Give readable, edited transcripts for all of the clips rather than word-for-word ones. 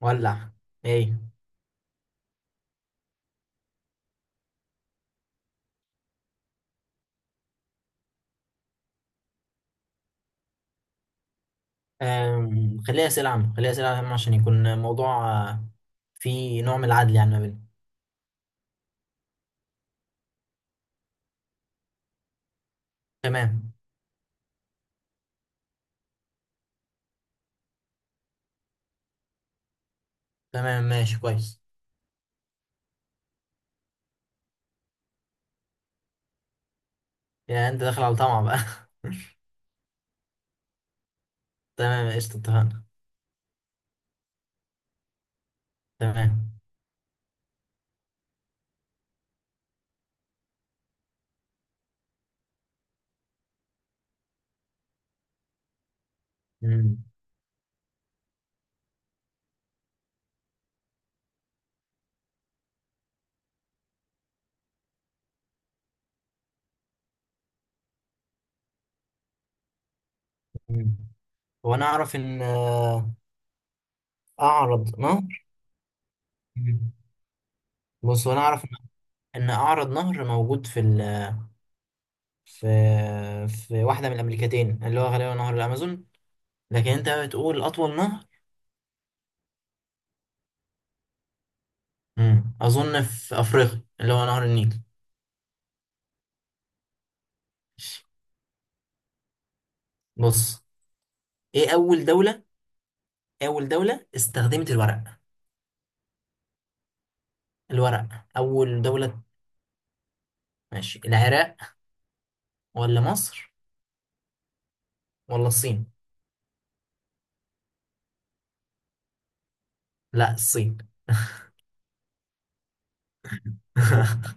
ولع. ايه. خليها اسئله عامه، خليها اسئله عامه عشان يكون الموضوع فيه نوع من العدل يعني ما بيننا. تمام. تمام ماشي كويس. يعني انت داخل على طمع بقى؟ تمام. قشطه. اتفقنا. تمام. مم. مم. هو انا اعرف ان اعرض نهر. مم. بص، هو انا اعرف إن اعرض نهر موجود في في واحده من الامريكتين، اللي هو غالبا نهر الامازون. لكن انت بتقول اطول نهر. اظن في افريقيا، اللي هو نهر النيل. بص، ايه اول دولة إيه اول دولة استخدمت الورق؟ الورق، اول دولة. ماشي، العراق ولا مصر ولا الصين؟ لا، الصين.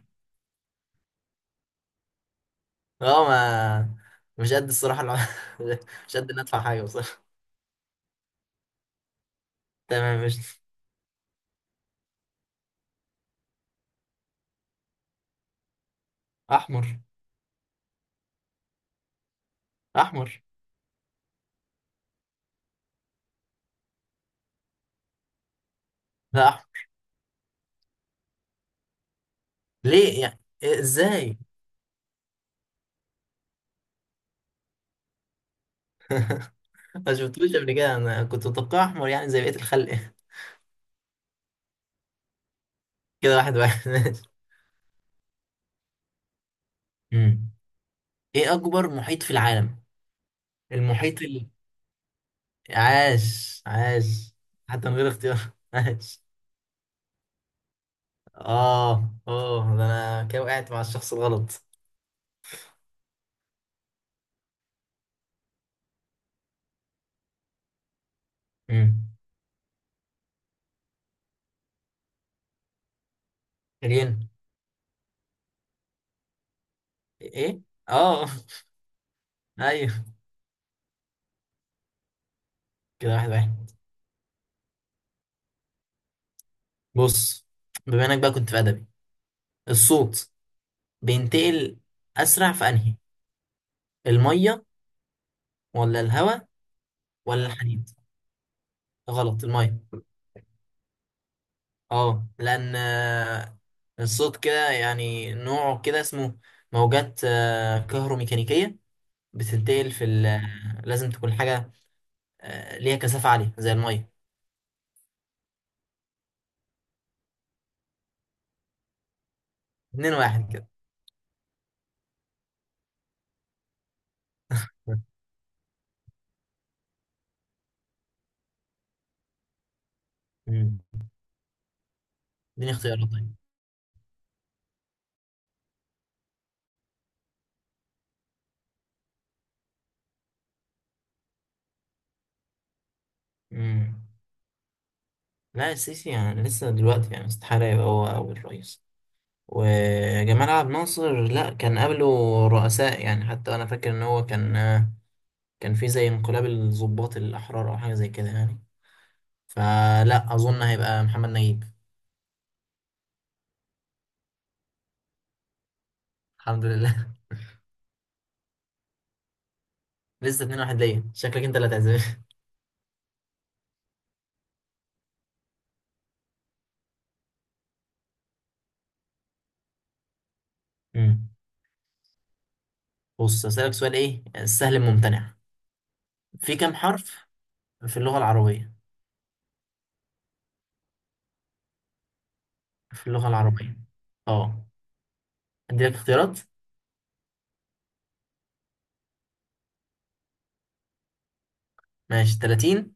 اه، ما مش قد الصراحة مش قد ان ادفع حاجة بصراحة. تمام. مش. احمر. احمر. لا، احمر. ليه؟ يعني إيه؟ ازاي؟ ما شفتوش قبل كده، انا كنت متوقع احمر يعني زي بقية الخلق. كده 1-1. ماشي. أمم. ايه اكبر محيط في العالم؟ المحيط عاش عاش! حتى من غير اختيار. عاش. اه اه، ده انا كده وقعت مع الشخص الغلط. امم ريان. ايه. اه. ايوه. كده 1-1. بص، بما انك بقى كنت في ادبي، الصوت بينتقل اسرع في انهي؟ الميه ولا الهواء ولا الحديد؟ غلط، الميه. اه، لان الصوت كده، يعني نوعه كده، اسمه موجات كهروميكانيكيه، بتنتقل في لازم تكون حاجه ليها كثافه عاليه زي الميه. 2-1 كده. مم. اديني اختيارات طيب. مم. لا، السيسي يعني لسه دلوقتي، يعني استحالة يبقى هو أول رئيس. وجمال عبد الناصر، لا، كان قبله رؤساء. يعني حتى أنا فاكر إن هو كان في زي انقلاب الضباط الأحرار أو حاجة زي كده يعني. فلا، أظن هيبقى محمد نجيب. الحمد لله. لسه 2-1 ليا، شكلك أنت اللي هتعزف. مم. بص، أسألك سؤال إيه السهل الممتنع؟ في كام حرف في اللغة العربية؟ في اللغة العربية. أه، أديلك اختيارات. ماشي، 30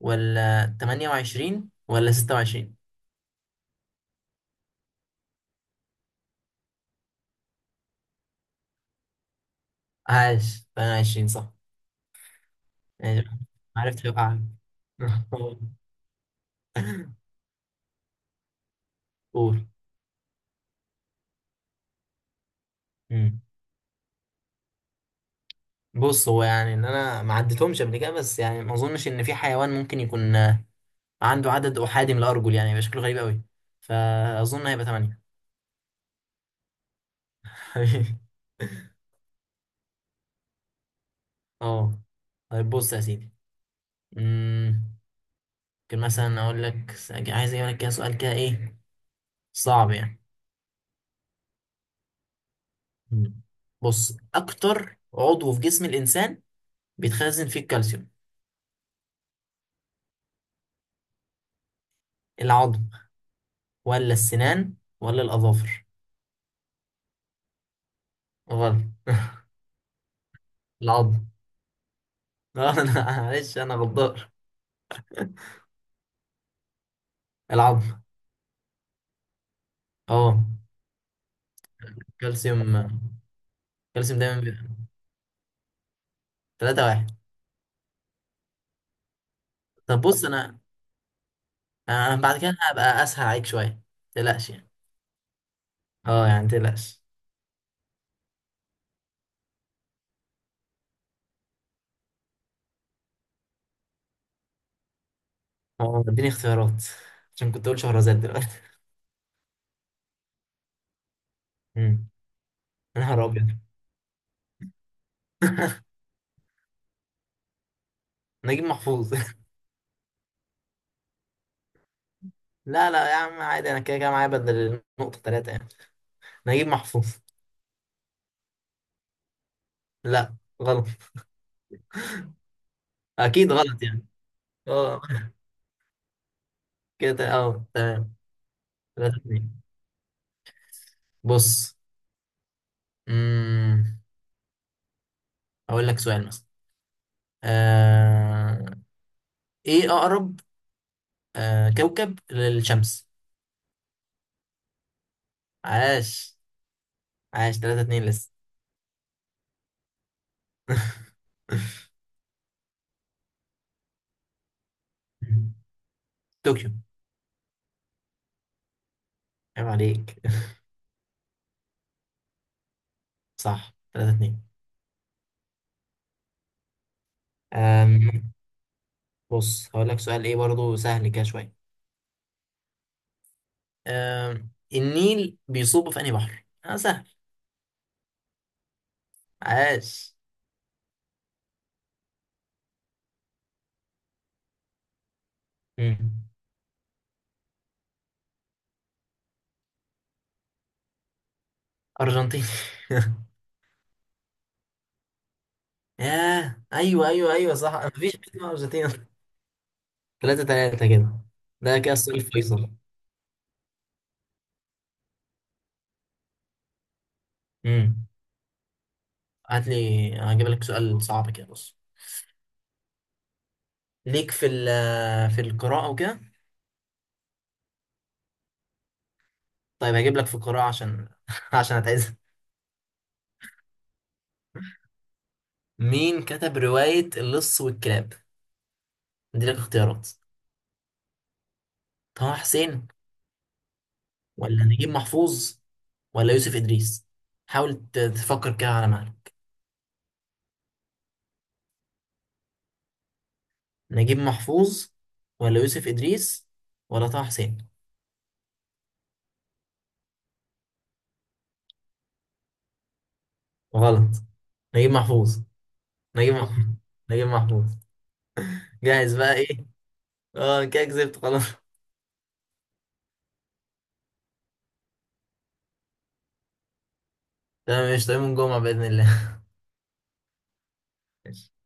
ولا 28 ولا 26؟ عاش، 28 صح. يعني عرفت وقع. قول. مم. بص، هو يعني ان انا ما عدتهمش قبل كده، بس يعني ما اظنش ان في حيوان ممكن يكون عنده عدد احادي من الارجل، يعني يبقى شكله غريب قوي. فاظن هيبقى 8. اه. طيب بص يا سيدي، مم، ممكن مثلا اقول لك، عايز اجيب لك كده سؤال كده ايه؟ صعب يعني. مم. بص، اكتر عضو في جسم الانسان بيتخزن فيه الكالسيوم؟ العظم ولا السنان ولا الاظافر؟ غلط. العظم. اه انا، معلش، انا غدار. العظم. اه، الكالسيوم الكالسيوم دايما بيبقى. 3 واحد. طب بص، انا بعد كده هبقى اسهل عليك شويه. متقلقش يعني. اه، يعني متقلقش. اه، اديني اختيارات عشان كنت اقول شهرزاد دلوقتي. مم. يا نهار ابيض. نجيب محفوظ. لا لا يا عم، عادي، انا كده كده معايا بدل النقطة ثلاثة يعني. نجيب محفوظ. لا، غلط. اكيد غلط يعني. اه كده تمام. 3-2. بص. امم، اقول لك سؤال مثلا. آه... ايه اقرب كوكب للشمس؟ عاش. عاش. 3-2 لسه. طوكيو. عيب عليك. صح، 3-2. آم... بص، هقول لك سؤال ايه برضو سهل كده شوية. النيل بيصب في انهي بحر؟ اه، سهل. عاش. مم. أرجنتين. ياه، أيوه أيوه أيوه، صح، مفيش حاجة اسمها أرجنتين. 3-3 كده. ده كده السؤال الفيصل. امم، هات لي، هجيب لك سؤال صعب كده. بص، ليك في القراءة وكده. طيب، هجيب لك في القراءة عشان عشان هتعزم. مين كتب رواية اللص والكلاب؟ ادي لك اختيارات. طه حسين ولا نجيب محفوظ ولا يوسف إدريس. حاول تفكر كده على مهلك. نجيب محفوظ ولا يوسف إدريس ولا طه حسين. غلط. نجيب محفوظ. نجيب محفوظ. نجيب محفوظ. جاهز بقى إيه؟ اه كده كسبت خلاص. تمام، مش طيب، من جمعة بإذن الله.